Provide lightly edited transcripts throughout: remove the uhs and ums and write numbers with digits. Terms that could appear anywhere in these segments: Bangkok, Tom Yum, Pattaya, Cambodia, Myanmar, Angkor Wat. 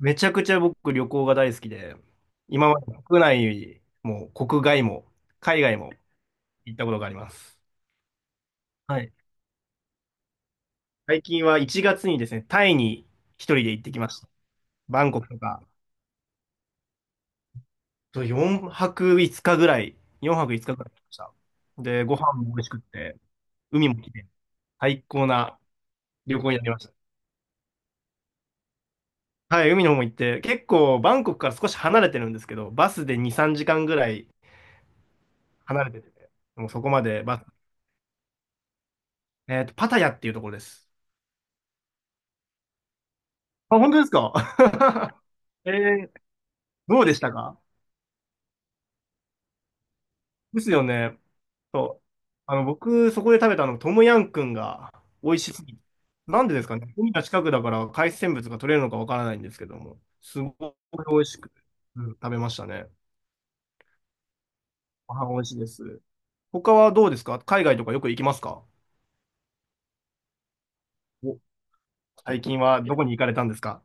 めちゃくちゃ僕旅行が大好きで、今まで国内も国外も海外も行ったことがあります。はい。最近は1月にですね、タイに一人で行ってきました。バンコクとか、と4泊5日ぐらい、4泊5日ぐらい行きました。で、ご飯も美味しくって、海も綺麗、最高な旅行になりました。はい、海の方も行って、結構バンコクから少し離れてるんですけど、バスで2、3時間ぐらい離れてて、もうそこまでバス、パタヤっていうところです。あ、本当ですか？ えー、どうでしたか？ですよね。そう。僕、そこで食べたの、トムヤンくんが美味しすぎて。なんでですかね、海が近くだから海鮮物が取れるのかわからないんですけども、すごい美味しく、うん食べましたね。ご飯美味しいです。他はどうですか？海外とかよく行きますか？お。最近はどこに行かれたんですか？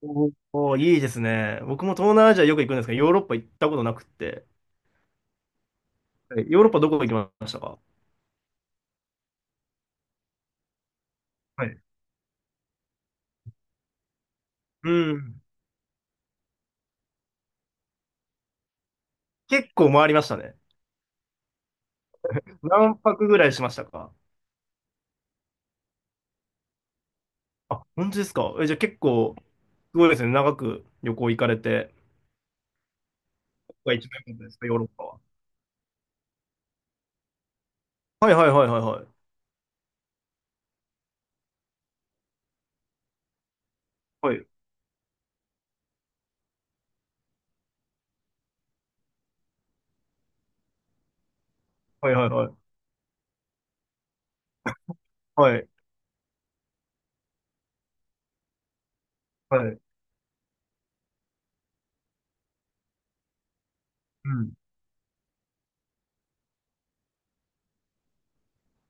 おおー、いいですね。僕も東南アジアよく行くんですが、ヨーロッパ行ったことなくって。はい、ヨーロッパどこ行きましたか？はい。うん。結構回りましたね。何泊ぐらいしましたか？あ、本当ですか？え、じゃあ結構、すごいですね。長く旅行行かれて、ここが一番良かったですか、ヨーロッパは？はいはいはいはいはい。はいはいはいはい。はい。はい。うん。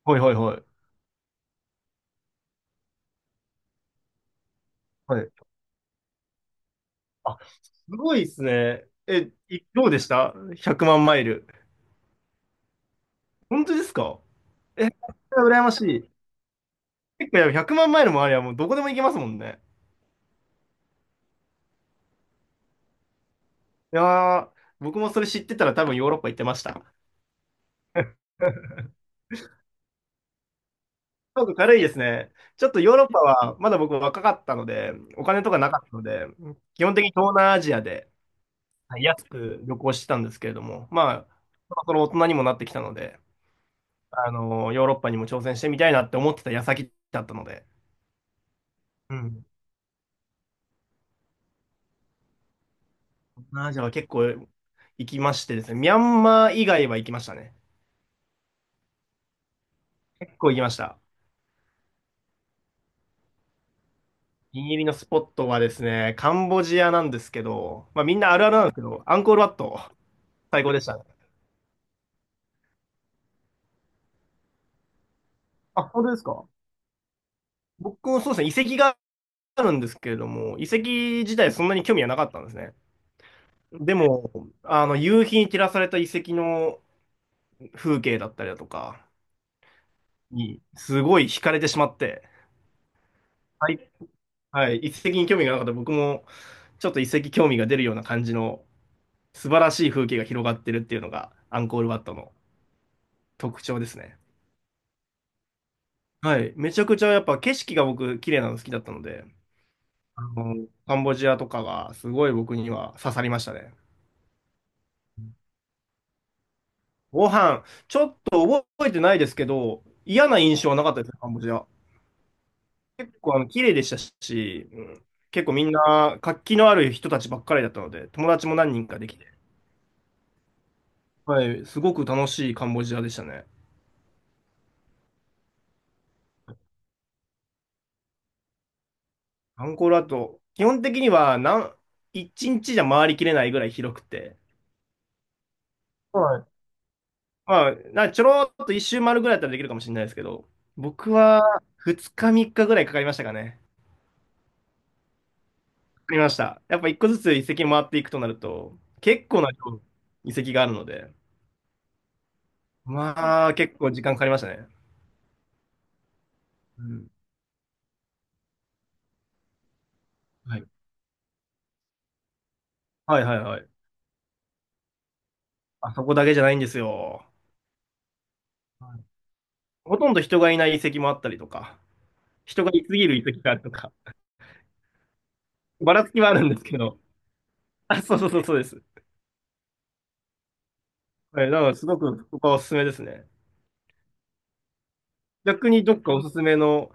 はいはいはい。はい。あ、すごいですね。え、どうでした？ 100 万マイル。本当ですか？え、羨ましい。結構やっぱ100万マイルもありゃもうどこでも行けますもんね。いやー、僕もそれ知ってたら多分ヨーロッパ行ってました。韓国軽いですね。ちょっとヨーロッパは、まだ僕若かったので、お金とかなかったので、基本的に東南アジアで、はい、安く旅行してたんですけれども、まあ、そろそろ大人にもなってきたので、あの、ヨーロッパにも挑戦してみたいなって思ってた矢先だったので、うん。東南アジアは結構行きましてですね、ミャンマー以外は行きましたね。結構行きました。お気に入りのスポットはですね、カンボジアなんですけど、まあみんなあるあるなんですけど、アンコールワット、最高でしたね。あ、本当ですか？僕もそうですね、遺跡があるんですけれども、遺跡自体そんなに興味はなかったんですね。でも、あの、夕日に照らされた遺跡の風景だったりだとかに、すごい惹かれてしまって、はい。はい、遺跡に興味がなかった僕も、ちょっと遺跡興味が出るような感じの素晴らしい風景が広がってるっていうのが、アンコールワットの特徴ですね。はい。めちゃくちゃやっぱ景色が僕、綺麗なの好きだったので、あの、カンボジアとかがすごい僕には刺さりましたね。ご飯、ちょっと覚えてないですけど、嫌な印象はなかったですね、カンボジア。結構あの綺麗でしたし、うん、結構みんな活気のある人たちばっかりだったので、友達も何人かできて、はい、すごく楽しいカンボジアでしたね。アンコールアート、基本的には一日じゃ回りきれないぐらい広くて、はい。まあ、ちょろっと一周回るぐらいだったらできるかもしれないですけど、僕は2日3日ぐらいかかりましたかね。りました。やっぱ一個ずつ遺跡回っていくとなると、結構な量の遺跡があるので、まあ結構時間かかりましたね。うん。はい。はいはいはい。あそこだけじゃないんですよ。はい、ほとんど人がいない遺跡もあったりとか、人がいすぎる遺跡があるとか、ばらつきはあるんですけど。あ、そうそうそうそうです。はい、だからすごくここはおすすめですね。逆にどっかおすすめの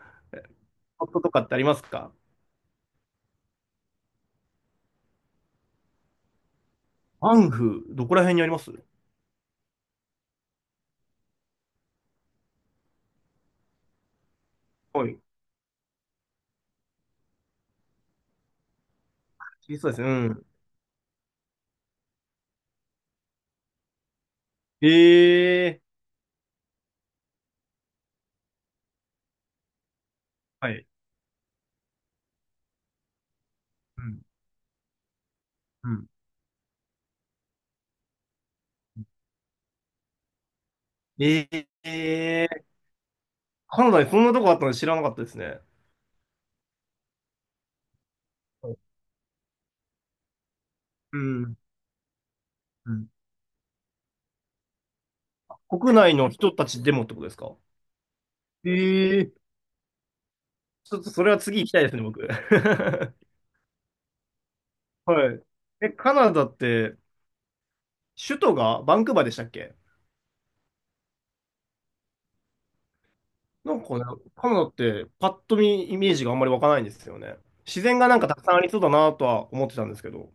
スポットとかってありますか？アンフ、どこら辺にあります？はい。そうですね。うん。ええー、はい。うん。うん。ええー、カナダにそんなとこあったの知らなかったですね。うん。うん。国内の人たちでもってことですか？ええー、ちょっとそれは次行きたいですね、僕。はい。え、カナダって、首都がバンクーバーでしたっけ？なんかね、カナダってパッと見イメージがあんまり湧かないんですよね。自然がなんかたくさんありそうだなとは思ってたんですけど。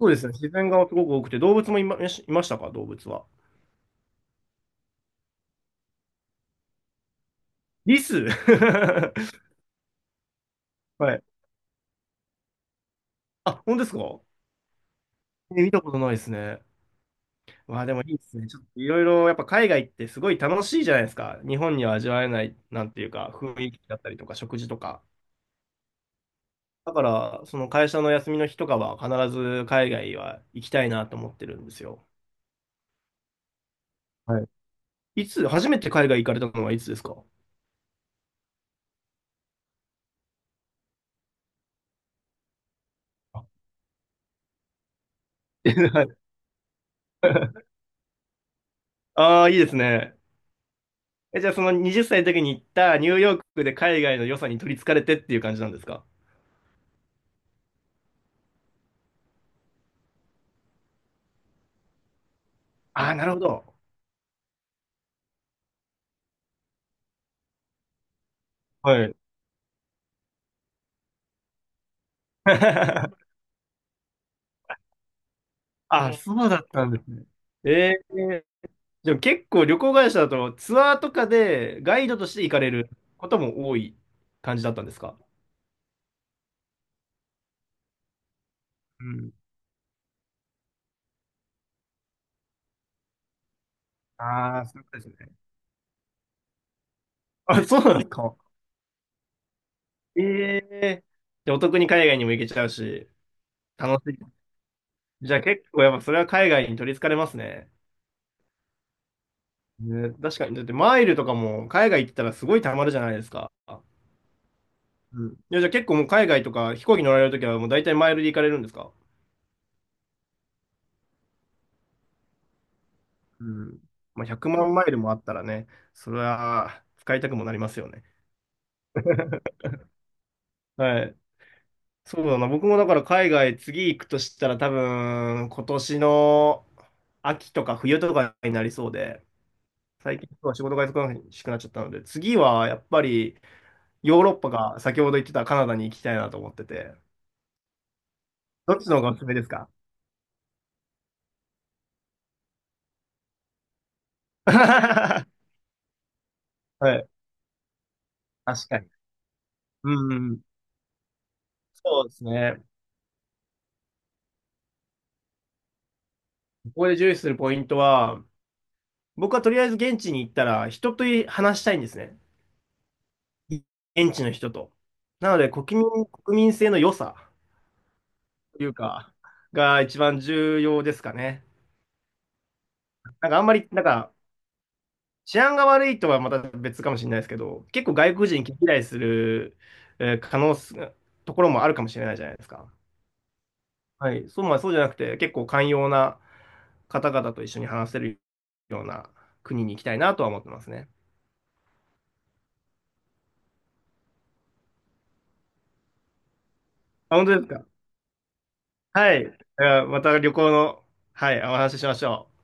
そうですね、自然がすごく多くて、動物もいましたか、動物は。リス。 はい。あ、本当ですか？え、見たことないですね。わあ、でもいいですね。ちょっといろいろやっぱ海外ってすごい楽しいじゃないですか。日本には味わえない、なんていうか、雰囲気だったりとか、食事とか。だから、その会社の休みの日とかは必ず海外は行きたいなと思ってるんですよ。はい。いつ、初めて海外行かれたのはいつですか？あ。 あー、いいですね。え、じゃあその20歳の時に行ったニューヨークで海外の良さに取り憑かれてっていう感じなんですか？ああー、なるほど。はい。あ、そうだったんですね。ええ、でも結構旅行会社だとツアーとかでガイドとして行かれることも多い感じだったんですか？うん。ああ、そういうことですね。あ、そうなんですか。ええ、で、お得に海外にも行けちゃうし、楽しい。じゃあ結構やっぱそれは海外に取り憑かれますね。ね、確かに。だってマイルとかも海外行ったらすごい貯まるじゃないですか。うん。いや、じゃあ結構もう海外とか飛行機乗られるときはもう大体マイルで行かれるんですか？うん。まあ、100万マイルもあったらね、それは使いたくもなりますよね。はい。そうだな。僕もだから海外次行くとしたら多分今年の秋とか冬とかになりそうで、最近は仕事が忙しくなっちゃったので、次はやっぱりヨーロッパが先ほど言ってたカナダに行きたいなと思ってて、どっちの方がおすすめですか？ はい。確かに。うん、そうですね。ここで重視するポイントは、僕はとりあえず現地に行ったら人と話したいんですね。現地の人と。なので国民性の良さ。というか、が一番重要ですかね。なんかあんまり、なんか治安が悪いとはまた別かもしれないですけど、結構外国人嫌いする、えー可能す、ところもあるかもしれないじゃないですか。はい。そう、まあそうじゃなくて、結構寛容な方々と一緒に話せるような国に行きたいなとは思ってますね。あ、本当ですか。はい。また旅行の、はい、お話ししましょう。